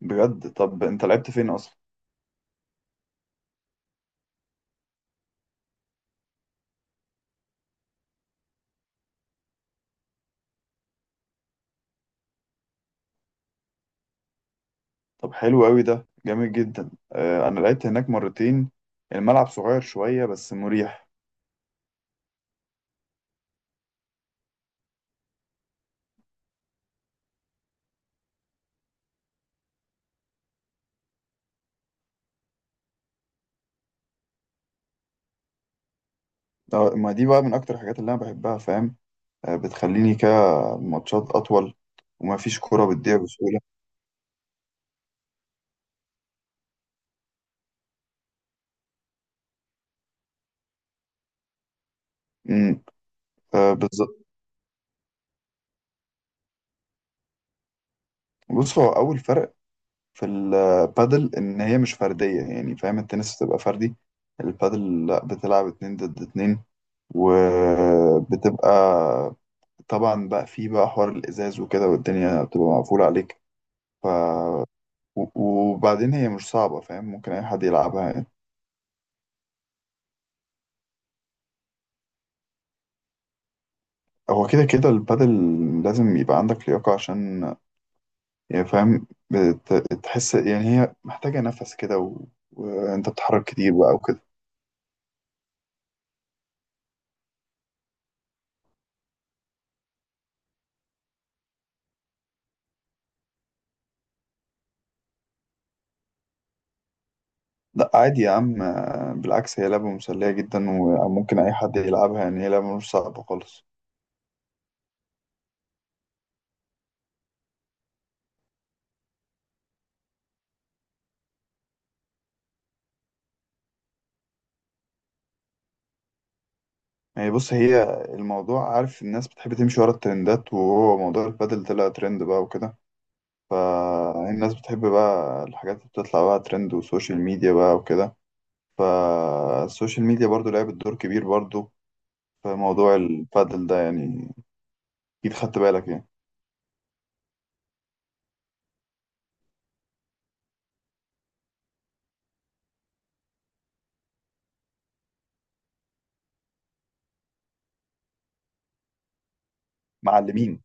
بجد، طب انت لعبت فين اصلا؟ طب حلو قوي، ده جامد جدا. انا لعبت هناك مرتين. الملعب صغير شويه بس مريح. ما دي بقى من اكتر الحاجات اللي انا بحبها، فاهم؟ بتخليني كده، ماتشات اطول، وما فيش كرة بتضيع بسهوله. امم. بالظبط. بص، هو اول فرق في البادل ان هي مش فرديه، يعني فاهم؟ التنس بتبقى فردي. البادل لا، بتلعب اتنين ضد اتنين. وبتبقى طبعا بقى في بقى حوار الازاز وكده، والدنيا بتبقى مقفوله عليك. ف و- وبعدين هي مش صعبه، فاهم؟ ممكن اي حد يلعبها يعني. هو كده كده البادل، لازم يبقى عندك لياقه عشان يعني فاهم، تحس يعني هي محتاجه نفس كده، وانت بتتحرك كتير بقى وكده. لا، عادي يا عم، بالعكس هي لعبه مسليه جدا وممكن اي حد يلعبها، يعني هي لعبه مش صعبه خالص. يعني بص، هي الموضوع، عارف، الناس بتحب تمشي ورا الترندات، وهو موضوع البادل طلع ترند بقى وكده. فالناس بتحب بقى الحاجات اللي بتطلع بقى ترند وسوشيال ميديا بقى وكده. فالسوشيال ميديا برضو لعبت دور كبير برضو في موضوع البادل ده يعني. أكيد خدت بالك يعني. معلمين.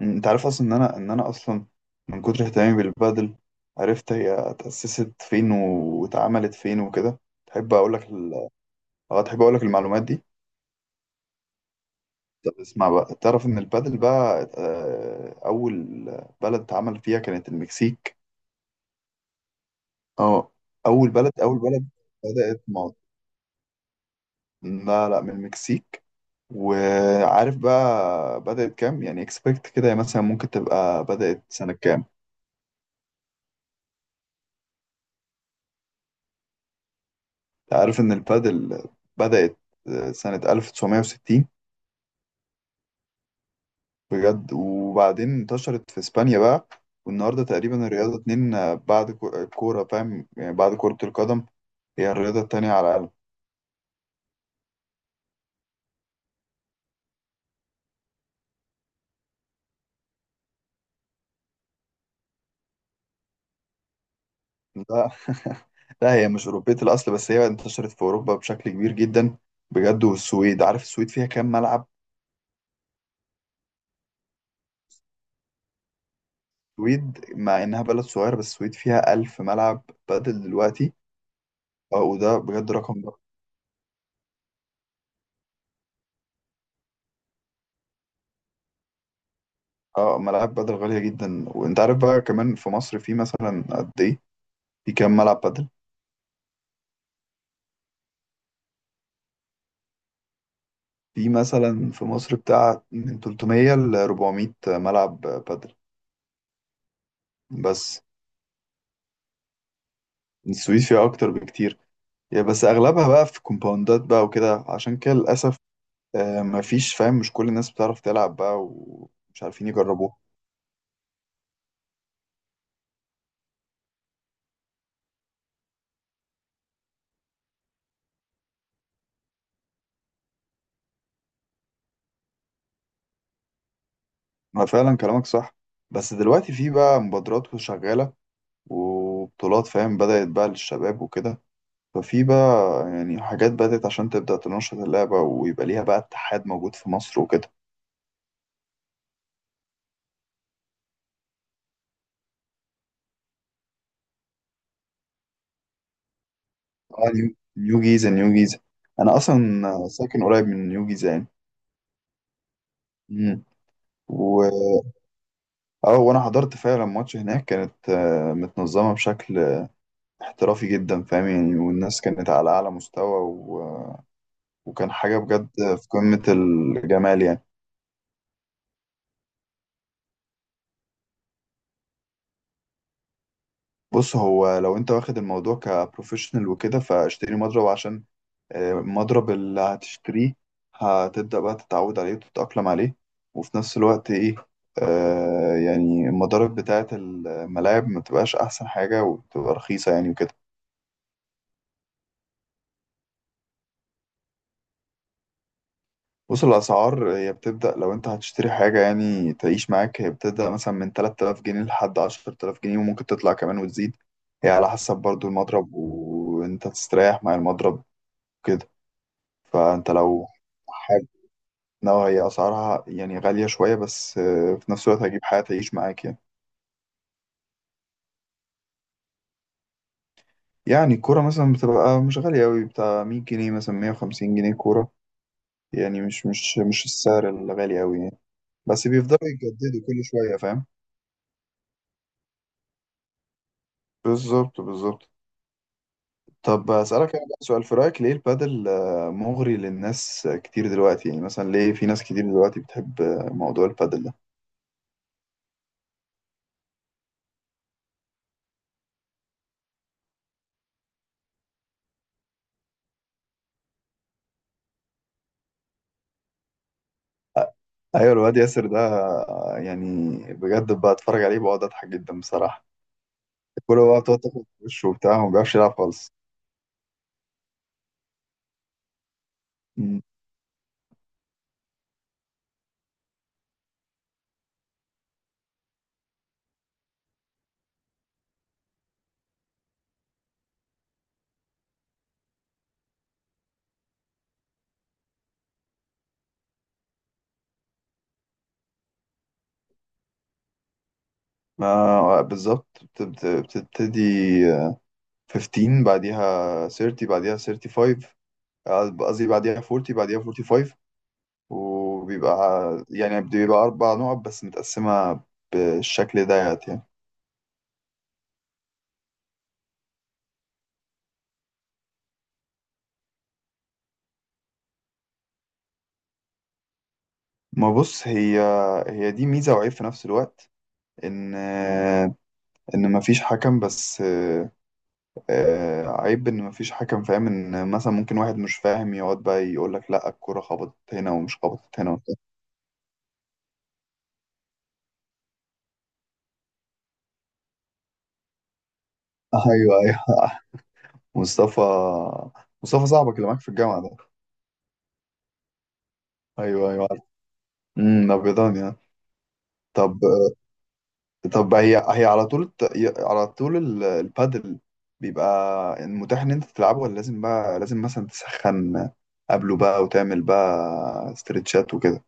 أنت عارف أصلا إن أنا أصلا من كتر اهتمامي بالبادل عرفت هي اتأسست فين واتعملت فين وكده. تحب أقول لك أه، تحب أقول لك المعلومات دي؟ طب اسمع بقى، تعرف إن البادل بقى أول بلد اتعمل فيها كانت المكسيك. اه. اول بلد بدأت مع لا، لا، من المكسيك. وعارف بقى بدأت كام، يعني اكسبكت كده، يعني مثلا ممكن تبقى بدأت سنة كام؟ أنت عارف ان البادل بدأت سنة 1960. بجد. وبعدين انتشرت في اسبانيا بقى، والنهارده تقريبا الرياضة اتنين، بعد الكورة، فاهم؟ يعني بعد كرة القدم. هي الرياضة التانية على. لا، لا، هي مش أوروبية الأصل، بس هي انتشرت في أوروبا بشكل كبير جدا. بجد، والسويد، عارف السويد فيها كام ملعب؟ السويد مع إنها بلد صغيرة، بس السويد فيها 1000 ملعب بدل دلوقتي. اه، وده بجد رقم ده. اه، ملاعب بدل غالية جدا. وأنت عارف بقى كمان في مصر في مثلا قد إيه؟ في كام ملعب بدل؟ في مثلا في مصر بتاع من 300 ل 400 ملعب بدل. بس السويد فيها أكتر بكتير. يعني بس أغلبها بقى في كومباوندات بقى وكده، عشان كده للأسف مفيش، فاهم؟ مش كل الناس بتعرف تلعب بقى ومش عارفين يجربوها. ما فعلا كلامك صح. بس دلوقتي في بقى مبادرات شغالة وبطولات، فاهم؟ بدأت بقى للشباب وكده. ففي بقى يعني حاجات بدأت عشان تبدأ تنشط اللعبة، ويبقى ليها بقى اتحاد موجود في مصر وكده. اه، نيو جيزة، نيو جيزة. أنا أصلا ساكن قريب من نيو جيزة يعني. مم. و... اه، وانا حضرت فعلا ماتش هناك، كانت متنظمة بشكل احترافي جدا، فاهم؟ يعني والناس كانت على أعلى مستوى وكان حاجة بجد في قمة الجمال يعني. بص، هو لو انت واخد الموضوع كبروفيشنال وكده فاشتري مضرب عشان المضرب اللي هتشتريه هتبدأ بقى تتعود عليه وتتأقلم عليه. وفي نفس الوقت ايه، يعني المضارب بتاعة الملاعب ما تبقاش أحسن حاجة وتبقى رخيصة يعني وكده. بص، الأسعار هي بتبدأ لو أنت هتشتري حاجة يعني تعيش معاك، هي بتبدأ مثلا من 3000 جنيه لحد 10000 جنيه، وممكن تطلع كمان وتزيد. هي على حسب برضو المضرب وأنت تستريح مع المضرب كده. فأنت لو حاجة نوع، هي أسعارها يعني غالية شوية، بس في نفس الوقت هجيب حاجة تعيش معاك يعني. يعني الكورة مثلا بتبقى مش غالية أوي، بتاع 100 جنيه، مثلا 150 جنيه كورة. يعني مش السعر الغالي أوي يعني. بس بيفضلوا يجددوا كل شوية، فاهم؟ بالظبط، بالظبط. طب أسألك أنا بقى سؤال، في رأيك ليه البادل مغري للناس كتير دلوقتي؟ يعني مثلا ليه في ناس كتير دلوقتي بتحب موضوع البادل ده؟ أيوة، الواد ياسر ده يعني بجد بقى أتفرج عليه بقعد أضحك جدا بصراحة. كله بقى بتقعد تاخد في وشه وبتاع وما بيعرفش يلعب خالص. مم. ما بالظبط، بتبتدي آه، 15 بعديها 30 بعديها 35، قصدي بعديها 40 بعديها 45. وبيبقى يعني بيبقى 4 نقط بس متقسمة بالشكل ديت يعني. ما بص، هي هي دي ميزة وعيب في نفس الوقت. إن إن مفيش حكم، بس عيب إن مفيش حكم، فاهم؟ إن مثلا ممكن واحد مش فاهم يقعد بقى يقول لك لأ، الكرة خبطت هنا ومش خبطت هنا وبتاع. أيوه، أيوه. مصطفى، مصطفى صاحبك اللي معاك في الجامعة ده؟ أيوه، أيوه، عارف. أبيضان يعني. طب طب هي على طول على طول البادل بيبقى متاح ان انت تلعبه، ولا لازم بقى لازم مثلا تسخن قبله بقى وتعمل بقى استرتشات وكده؟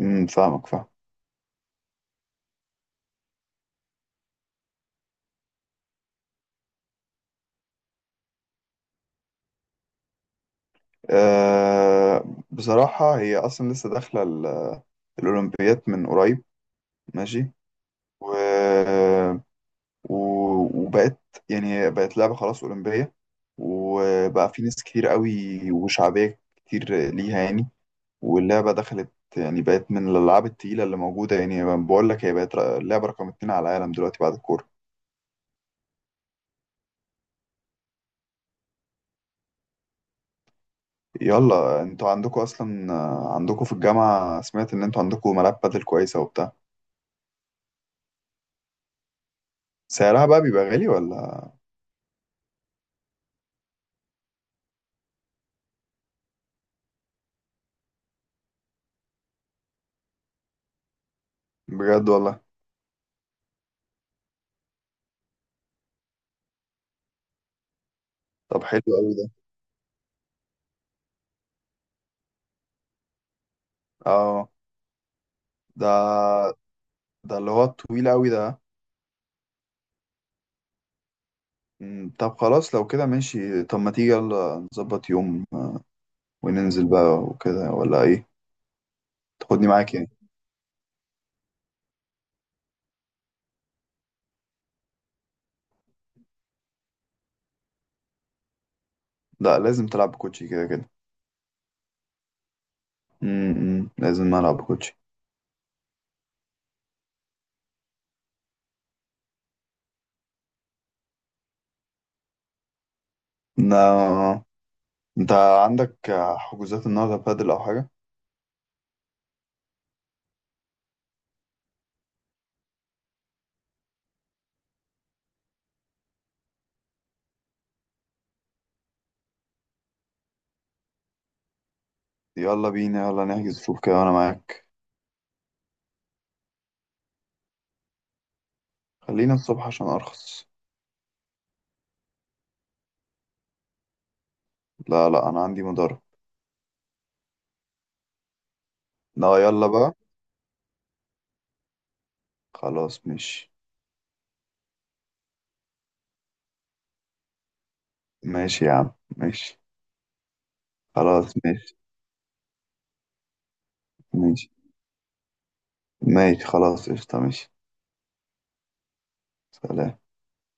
فاهمك، فاهم. بصراحة هي أصلا لسه داخلة الأولمبيات من قريب. ماشي. و... و... وبقت يعني بقت لعبة خلاص أولمبية، وبقى في ناس كتير قوي وشعبية كتير ليها يعني. واللعبة دخلت يعني بقت من الألعاب التقيلة اللي موجودة، يعني بقول لك هي بقت اللعبة رقم اتنين على العالم دلوقتي بعد الكورة. يلا، انتوا عندكوا أصلا عندكوا في الجامعة، سمعت إن انتوا عندكوا ملاعب بادل كويسة وبتاع. سعرها بقى بيبقى غالي ولا؟ بجد والله. طب حلو أوي ده. اه، ده ده اللي هو الطويل أوي ده. طب خلاص لو كده ماشي. طب ما تيجي يلا نظبط يوم، وننزل بقى وكده ولا ايه؟ تاخدني معاك يعني. لا، لازم تلعب بكوتشي كده كده. لازم ألعب بكوتشي. نا... انت عندك حجوزات النهارده بادل او حاجه؟ يلا بينا، يلا نحجز، شوف كده وانا معاك. خلينا الصبح عشان ارخص. لا، لا، انا عندي مدرب. لا، يلا بقى، خلاص ماشي. ماشي يا عم، ماشي. خلاص ماشي، ماشي، ماشي. خلاص قشطة، ماشي. سلام.